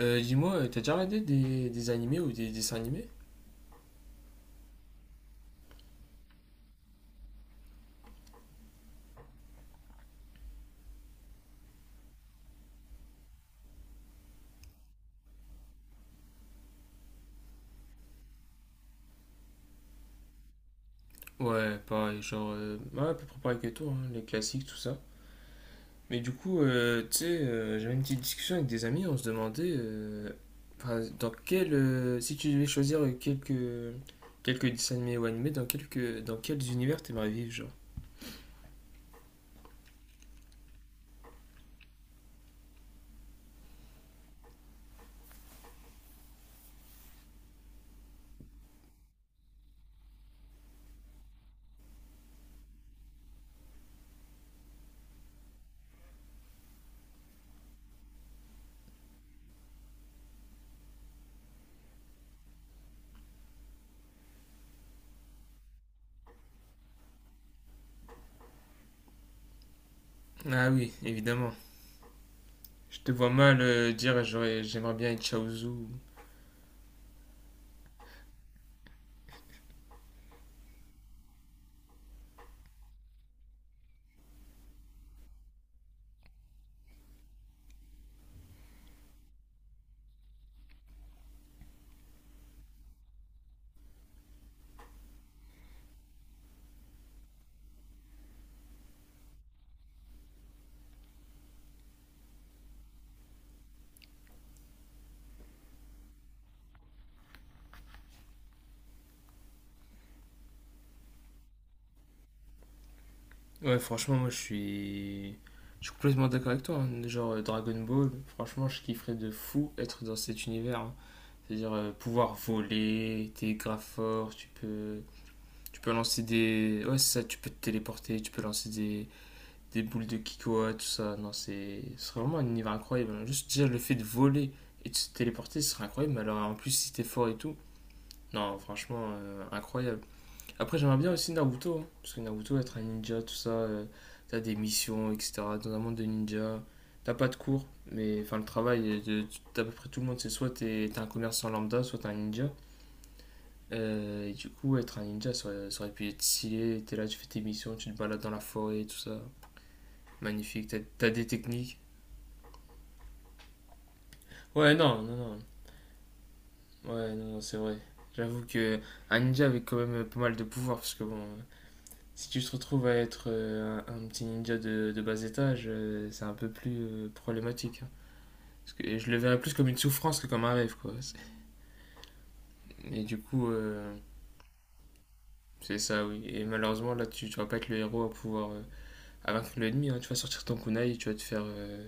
Dis-moi, t'as déjà regardé des animés ou des dessins animés? Ouais, pareil, genre, ouais, à peu près pareil que toi, hein, les classiques, tout ça. Mais du coup, tu sais, j'avais une petite discussion avec des amis, on se demandait, enfin, dans quel, si tu devais choisir quelques dessins animés ou animés, dans quels univers t'aimerais vivre, genre? Ah oui, évidemment. Je te vois mal dire, j'aimerais bien être Chaozu. Ouais, franchement, moi je suis. Je suis complètement d'accord avec toi, hein. Genre Dragon Ball, franchement, je kifferais de fou être dans cet univers, hein. C'est-à-dire pouvoir voler, t'es grave fort, Tu peux lancer des. Ouais, c'est ça, tu peux te téléporter, tu peux lancer des boules de Kikoa, tout ça. Non, c'est, ce serait vraiment un univers incroyable, hein. Juste déjà le fait de voler et de se téléporter, ce serait incroyable. Mais alors en plus, si t'es fort et tout, non, franchement, incroyable. Après, j'aimerais bien aussi Naruto, hein, parce que Naruto, être un ninja, tout ça, t'as des missions, etc. Dans un monde de ninja, t'as pas de cours, mais enfin, le travail de d'à peu près tout le monde, c'est soit t'es un commerçant lambda, soit t'es un ninja. Et du coup, être un ninja, ça aurait pu être stylé. T'es là, tu fais tes missions, tu te balades dans la forêt, tout ça. Magnifique, t'as des techniques. Ouais, non, non, non. Ouais, non, non, c'est vrai. J'avoue que un ninja avait quand même pas mal de pouvoir, parce que bon, si tu te retrouves à être un petit ninja de bas étage, c'est un peu plus problématique, hein. Parce que je le verrais plus comme une souffrance que comme un rêve, quoi. C'est. Et du coup, c'est ça, oui. Et malheureusement, là, tu vas pas être le héros à pouvoir à vaincre l'ennemi, hein. Tu vas sortir ton kunai et tu vas te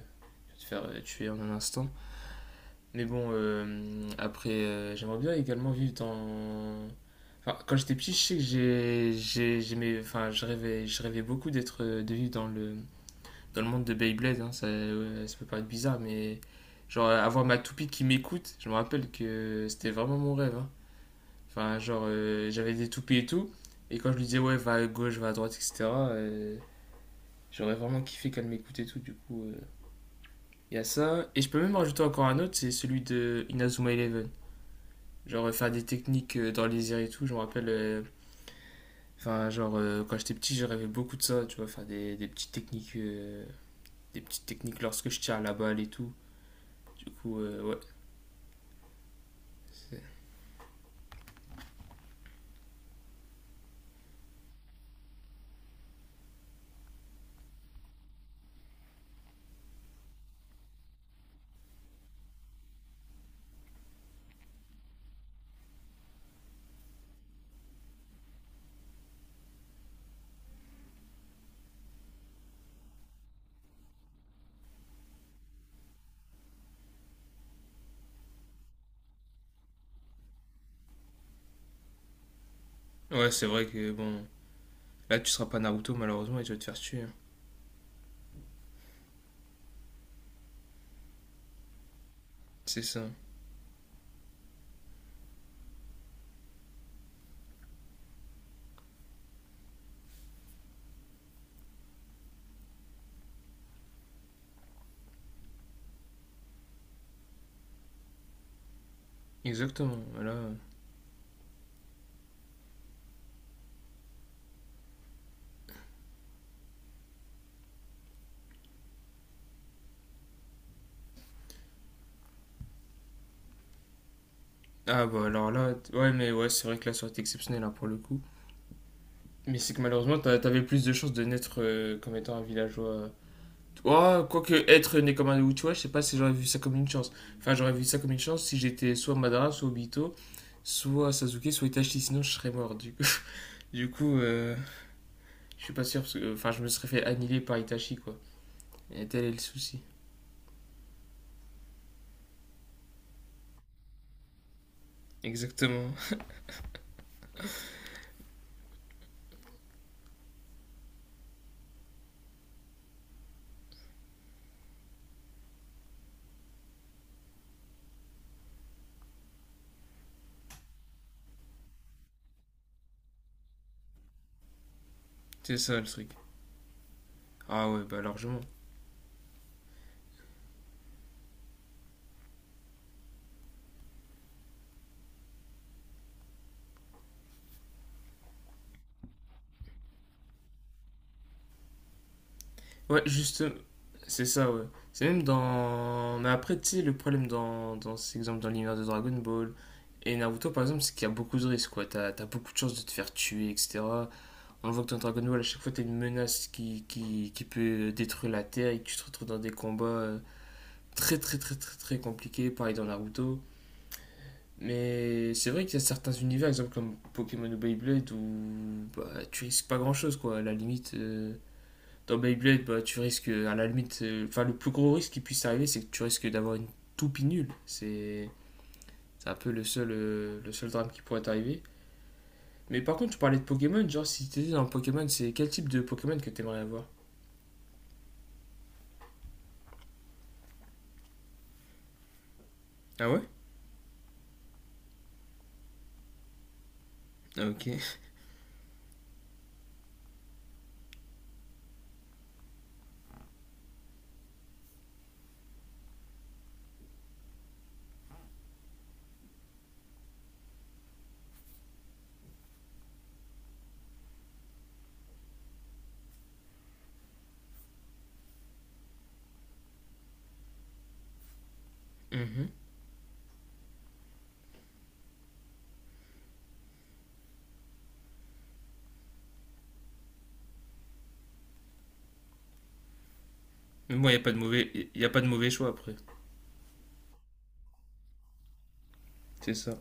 tu vas te faire tuer en un instant. Mais bon, après, j'aimerais bien également vivre dans... Enfin, quand j'étais petit, je sais que j'ai- j'aimais, enfin, je rêvais beaucoup d'être, de vivre dans dans le monde de Beyblade, hein, ça, ouais, ça peut paraître bizarre, mais genre avoir ma toupie qui m'écoute, je me rappelle que c'était vraiment mon rêve, hein. Enfin, genre, j'avais des toupies et tout, et quand je lui disais, ouais, va à gauche, va à droite, etc., j'aurais vraiment kiffé qu'elle m'écoute et tout, du coup, il y a ça. Et je peux même rajouter encore un autre, c'est celui de Inazuma Eleven. Genre, faire des techniques dans les airs et tout, je me rappelle. Enfin, genre, quand j'étais petit, je rêvais beaucoup de ça, tu vois, faire des petites techniques lorsque je tire la balle et tout. Du coup, ouais. Ouais. Ouais, c'est vrai que bon, là tu seras pas Naruto malheureusement et tu vas te faire tuer, hein. C'est ça. Exactement. Là, ah bah alors là, ouais mais ouais c'est vrai que là ça aurait été exceptionnel, hein, pour le coup. Mais c'est que malheureusement t'avais plus de chances de naître comme étant un villageois. Oh, quoique être né comme un Uchiwa, je sais pas si j'aurais vu ça comme une chance. Enfin j'aurais vu ça comme une chance si j'étais soit Madara, soit Obito, soit Sasuke, soit Itachi, sinon je serais mort du coup. Du coup, je suis pas sûr parce que enfin je me serais fait annihiler par Itachi, quoi. Et tel est le souci. Exactement. C'est ça le truc. Ah ouais, bah largement. Ouais, juste, c'est ça, ouais. C'est même dans. Mais après, tu sais, le problème dans ces exemples dans l'univers de Dragon Ball et Naruto, par exemple, c'est qu'il y a beaucoup de risques, quoi. T'as beaucoup de chances de te faire tuer, etc. On voit que dans Dragon Ball, à chaque fois, t'as une menace qui peut détruire la Terre et que tu te retrouves dans des combats très, très, très, très, très compliqués. Pareil dans Naruto. Mais c'est vrai qu'il y a certains univers, exemple comme Pokémon ou Beyblade, où bah, tu risques pas grand chose, quoi. À la limite, dans Beyblade, bah, tu risques, à la limite, enfin, le plus gros risque qui puisse arriver, c'est que tu risques d'avoir une toupie nulle. C'est un peu le seul drame qui pourrait t'arriver. Mais par contre, tu parlais de Pokémon, genre si t'étais dans Pokémon, c'est quel type de Pokémon que t'aimerais avoir? Ah ouais. Ah, OK. Mhm. Mais bon, il n'y a, pas de mauvais- y a pas de mauvais choix après. C'est ça.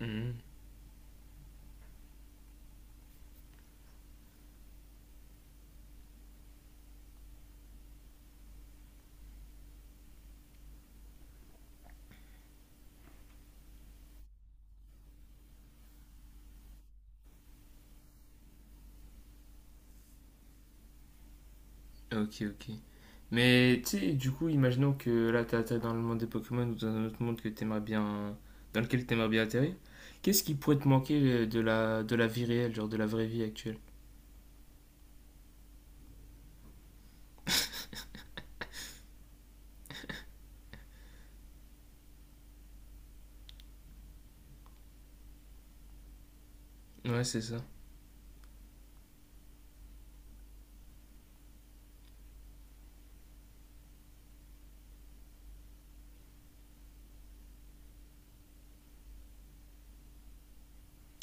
Mhm. OK, OK. Mais tu sais, du coup, imaginons que là, tu atterri dans le monde des Pokémon ou dans un autre monde que t'aimerais bien, dans lequel tu aimerais bien atterrir. Qu'est-ce qui pourrait te manquer de de la vie réelle, genre de la vraie vie actuelle? Ouais, c'est ça.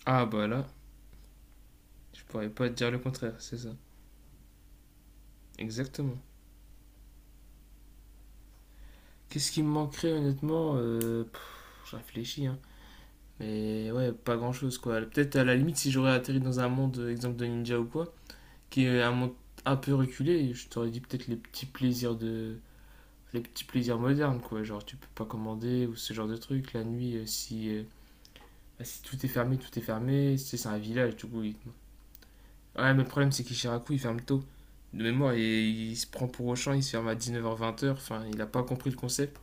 Ah, bah là, je pourrais pas te dire le contraire, c'est ça. Exactement. Qu'est-ce qui me manquerait, honnêtement? Pff, je réfléchis, hein. Mais ouais, pas grand-chose, quoi. Peut-être à la limite, si j'aurais atterri dans un monde, exemple de ninja ou quoi, qui est un monde un peu reculé, je t'aurais dit peut-être les petits plaisirs modernes, quoi. Genre, tu peux pas commander ou ce genre de truc. La nuit, si, bah, si tout est fermé, tout est fermé. Tu c'est un village, du coup. Ouais, mais le problème, c'est qu'Ishiraku, il ferme tôt. De mémoire, il se prend pour Auchan, il se ferme à 19h-20h. Enfin, il a pas compris le concept.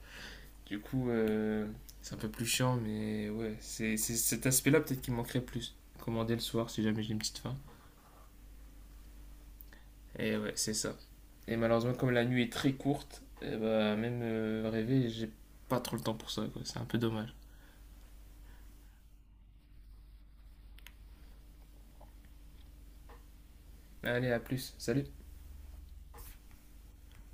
Du coup, c'est un peu plus chiant, mais ouais. C'est cet aspect-là, peut-être, qui manquerait plus. Commander le soir, si jamais j'ai une petite faim. Et ouais, c'est ça. Et malheureusement, comme la nuit est très courte, eh bah, même rêver, j'ai pas trop le temps pour ça, quoi. C'est un peu dommage. Allez, à plus. Salut.